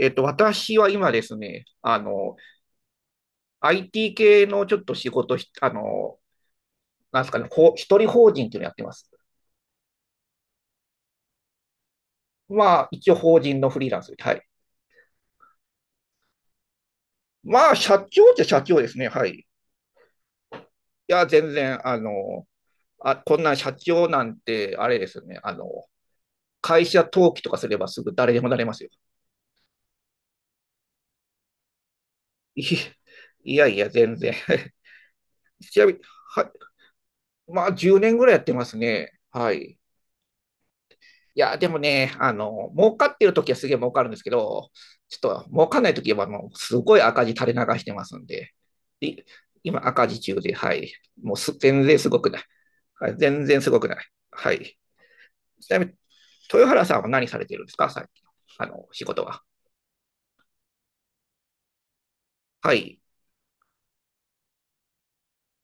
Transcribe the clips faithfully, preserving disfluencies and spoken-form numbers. えっと、私は今ですね、あの、アイティー 系のちょっと仕事あの、なんですかね、ほ一人法人っていうのやってます。まあ、一応法人のフリーランスで、はい。まあ、社長っちゃ社長ですね、はい。いや、全然、あの、あ、こんな社長なんて、あれですよね、あの、会社登記とかすればすぐ誰でもなれますよ。いいやいや、全然。ちなみに、はい。まあ、じゅうねんぐらいやってますね。はい。いや、でもね、あの、儲かってる時はすげえ儲かるんですけど、ちょっと儲かんない時はもうすごい赤字垂れ流してますんで、で今赤字中で、はい。もうす全然すごくない。はい、全然すごくない。はい。ちなみに、豊原さんは何されてるんですか最近。あの、仕事は。はい。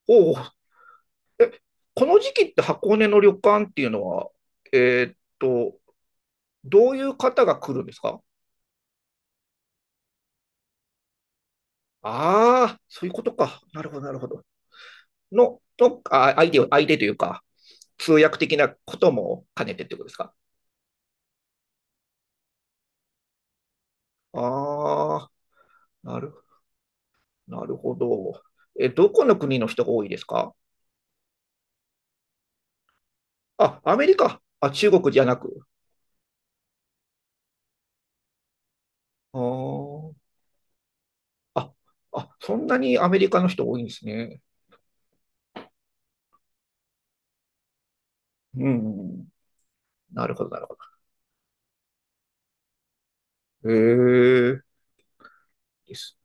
おお、この時期って箱根の旅館っていうのは、えー、っと、どういう方が来るんですか？ああ、そういうことか。なるほど、なるほど。の、のあ相手を、相手というか、通訳的なことも兼ねてってことですか？ああ、なる、なるほど。え、どこの国の人が多いですか？あ、アメリカ。あ、中国じゃなく。あー、あ、あ、そんなにアメリカの人多いんですね。うん。なるほど、なるほど。へえ。です。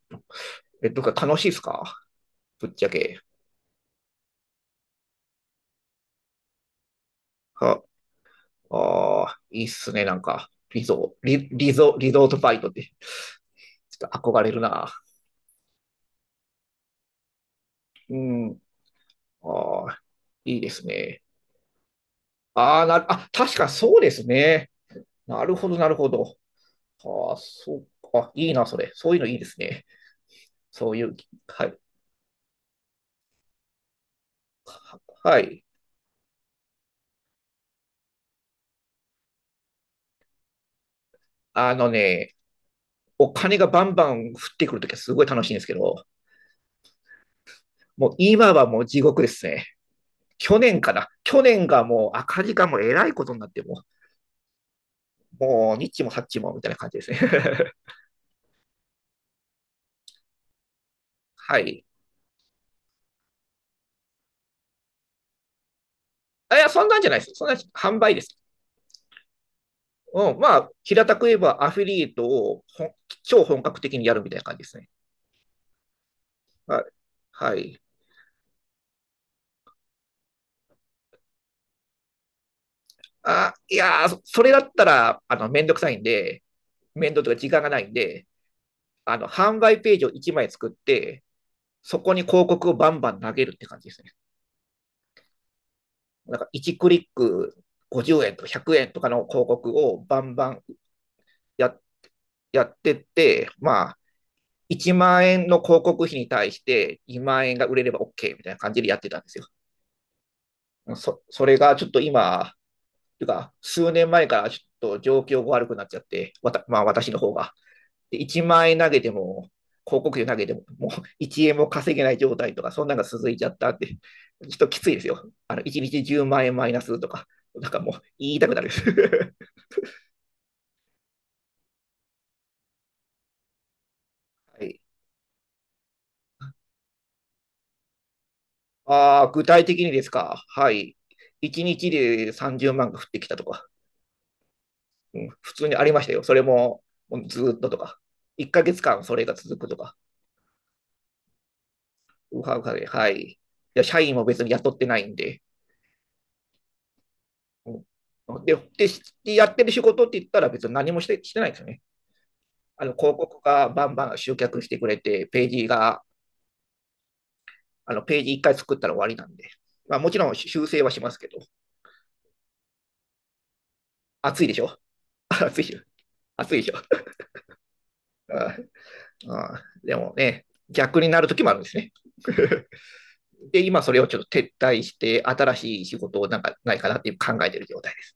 え、とか楽しいですか？ぶっちゃけ。は、ああ、いいっすね、なんか。リゾ、リ、リゾ、リゾートバイトって。ちょっと憧れるな。うん。ああ、いいですね。ああ、な、あ、確かそうですね。なるほど、なるほど。ああ、そうか。いいな、それ。そういうのいいですね。そういう、はい。はい。あのね、お金がバンバン降ってくるときはすごい楽しいんですけど、もう今はもう地獄ですね。去年かな。去年がもう赤字がもうえらいことになってもう、もうニッもサっちもみたいな感じですね。はい。あ、いや、そんなんじゃないです。そんな販売です。うん、まあ、平たく言えばアフィリエイトを超本格的にやるみたいな感じですね。はい。はい、あ、いやー、それだったら、あの、めんどくさいんで、面倒とか時間がないんで、あの、販売ページをいちまい作って、そこに広告をバンバン投げるって感じですね。なんかわんクリックごじゅうえんとかひゃくえんとかの広告をバンバンややってって、まあ、いちまん円の広告費に対してにまん円が売れれば OK みたいな感じでやってたんですよ。そそれがちょっと今、というか、数年前からちょっと状況が悪くなっちゃって、わたまあ、私の方が。で、いちまん円投げても、広告費投げても、もういちえんも稼げない状態とか、そんなのが続いちゃったって、ちょっときついですよ。あの、いちにちじゅうまん円マイナスとか、なんかもう言いたくなるです。はい。あ、具体的にですか。はい。いちにちでさんじゅうまんが降ってきたとか、うん、普通にありましたよ。それも、ずっととか、いっかげつかんそれが続くとか。ウハウハで、はい。いや、社員も別に雇ってないんで。うん、で、でやってる仕事って言ったら別に何もしてしてないですよね。あの広告がバンバン集客してくれて、ページが、あのページいっかい作ったら終わりなんで。まあ、もちろん修正はしますけど、暑いでしょ？ 暑いでしょ？暑いでしょ？ ああでもね、逆になる時もあるんですね。で、今それをちょっと撤退して、新しい仕事をなんかないかなって考えてる状態です。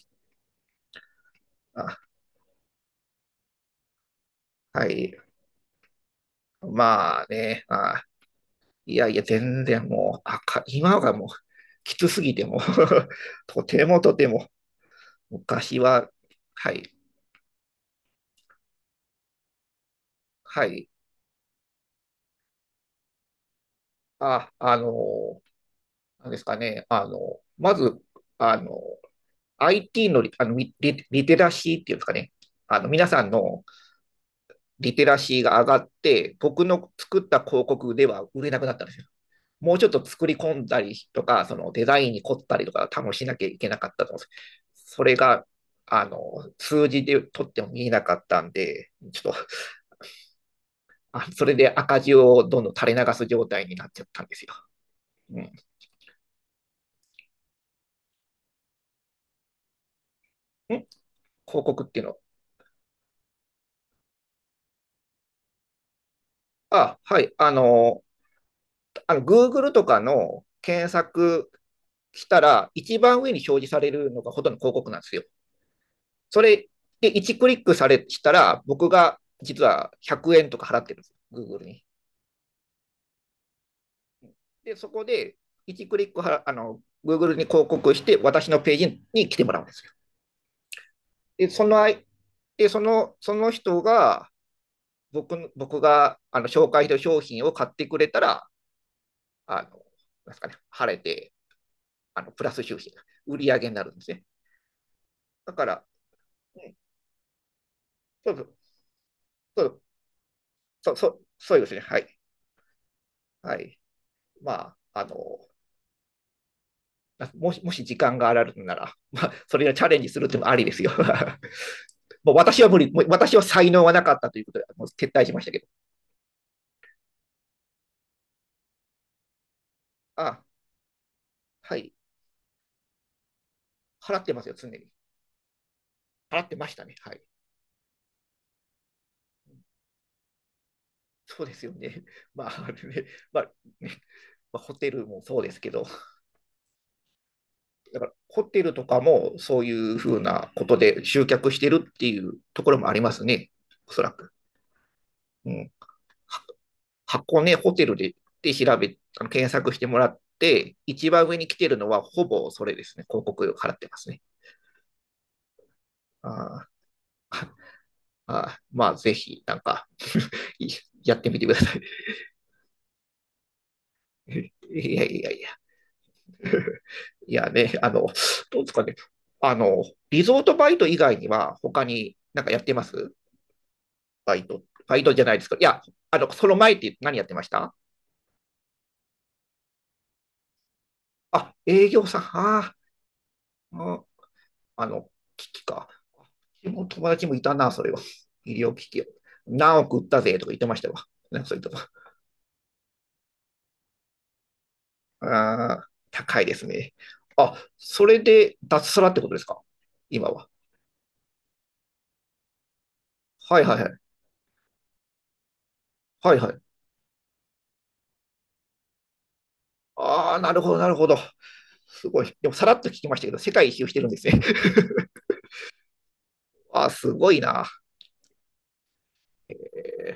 あ、はい。まあねあ、いやいや、全然もう、あか今がもう、きつすぎても とてもとても、昔は、はい、はい、あ、あのーなんですかね、あのーまず、あの アイティー のリ、あのリ、リリテラシーっていうんですかね、あの皆さんのリテラシーが上がって、僕の作った広告では売れなくなったんですよ。もうちょっと作り込んだりとか、そのデザインに凝ったりとか、多分しなきゃいけなかったと思うんです。それが、あの、数字で取っても見えなかったんで、ちょっと、あそれで赤字をどんどん垂れ流す状態になっちゃったんですよ。うん。ん、広告っていうのあ、はい。あの、あの Google とかの検索したら、一番上に表示されるのがほとんど広告なんですよ。それでわんクリックされしたら、僕が実はひゃくえんとか払ってるんですよ。Google に。で、そこでわんクリックはあの Google に広告して、私のページに来てもらうんですよ。で、そのあいでそのその人が僕僕があの紹介した商品を買ってくれたら、あのなんですかね、晴れてあのプラス収支、売り上げになるんですね。だから、うん、そうそうそうそうそうですね。はい。はい。まあ、あの、もしもし時間があるなら、まあ、それをチャレンジするってもありですよ。もう私は無理、もう私は才能はなかったということで、もう撤退しましたけど、あ、はい、払ってますよ、常に。払ってましたね、はい。そうですよね。まあ、ね、まあ、ね、まあ、ホテルもそうですけど、だからホテルとかもそういうふうなことで集客してるっていうところもありますね、おそらく。うん、箱根、ね、ホテルでで調べ、あの検索してもらって、一番上に来てるのはほぼそれですね、広告を払ってますね。あああ、まあ、ぜひ、なんか やってみてください。いやいやいや。いやね、あの、どうですかね。あの、リゾートバイト以外には、他になんかやってます？バイト。バイトじゃないですか。いや、あの、その前って何やってました？あ、営業さん。あー、あの、機器か。うちの友達もいたな、それは。医療機器を。何億売ったぜとか言ってましたわ。なんかそれとああ、高いですね。あ、それで脱サラってことですか？今は。はいはいはい。はいはい。ああ、なるほど、なるほど。すごい。でもさらっと聞きましたけど、世界一周してるんですね。ああ、すごいな。えー、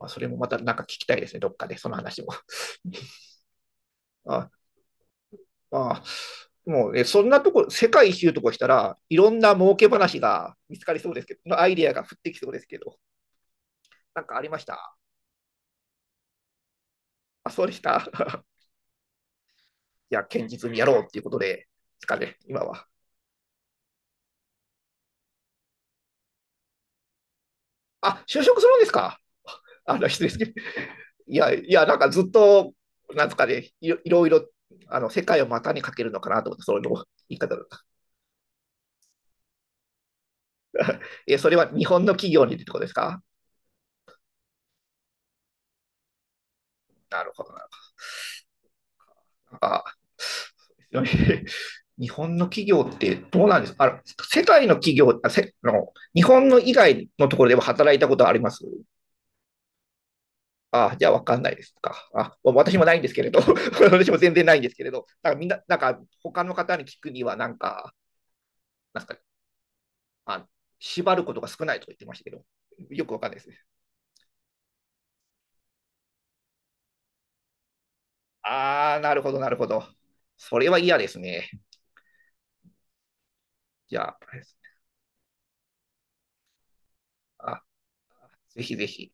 まあ、それもまたなんか聞きたいですね、どっかで、その話も。ああ、もうね、そんなとこ、世界一周とかしたらいろんな儲け話が見つかりそうですけど、のアイデアが降ってきそうですけど、なんかありました？あ、そうでした。いや、堅実にやろうっていうことで、ですかね、今は。あ、就職するんですか？あの、失礼ですけど。いや、いや、なんかずっと、なんですかね、いろいろいろ、あの、世界を股にかけるのかなと思って、そういうの言い方だった。え、それは日本の企業にってことですか？なるほどな。あ、日本の企業ってどうなんですか？あの、世界の企業あせの、日本の以外のところでも働いたことはあります？あ、じゃあ分かんないですか。あ、私もないんですけれど、私も全然ないんですけれど、なんかみんな、なんか他の方に聞くには、なんか、なんかね、まあ縛ることが少ないと言ってましたけど、よくわかんないですね。あー、なるほど、なるほど。それは嫌ですね。じゃあ、あ、ぜひぜひ。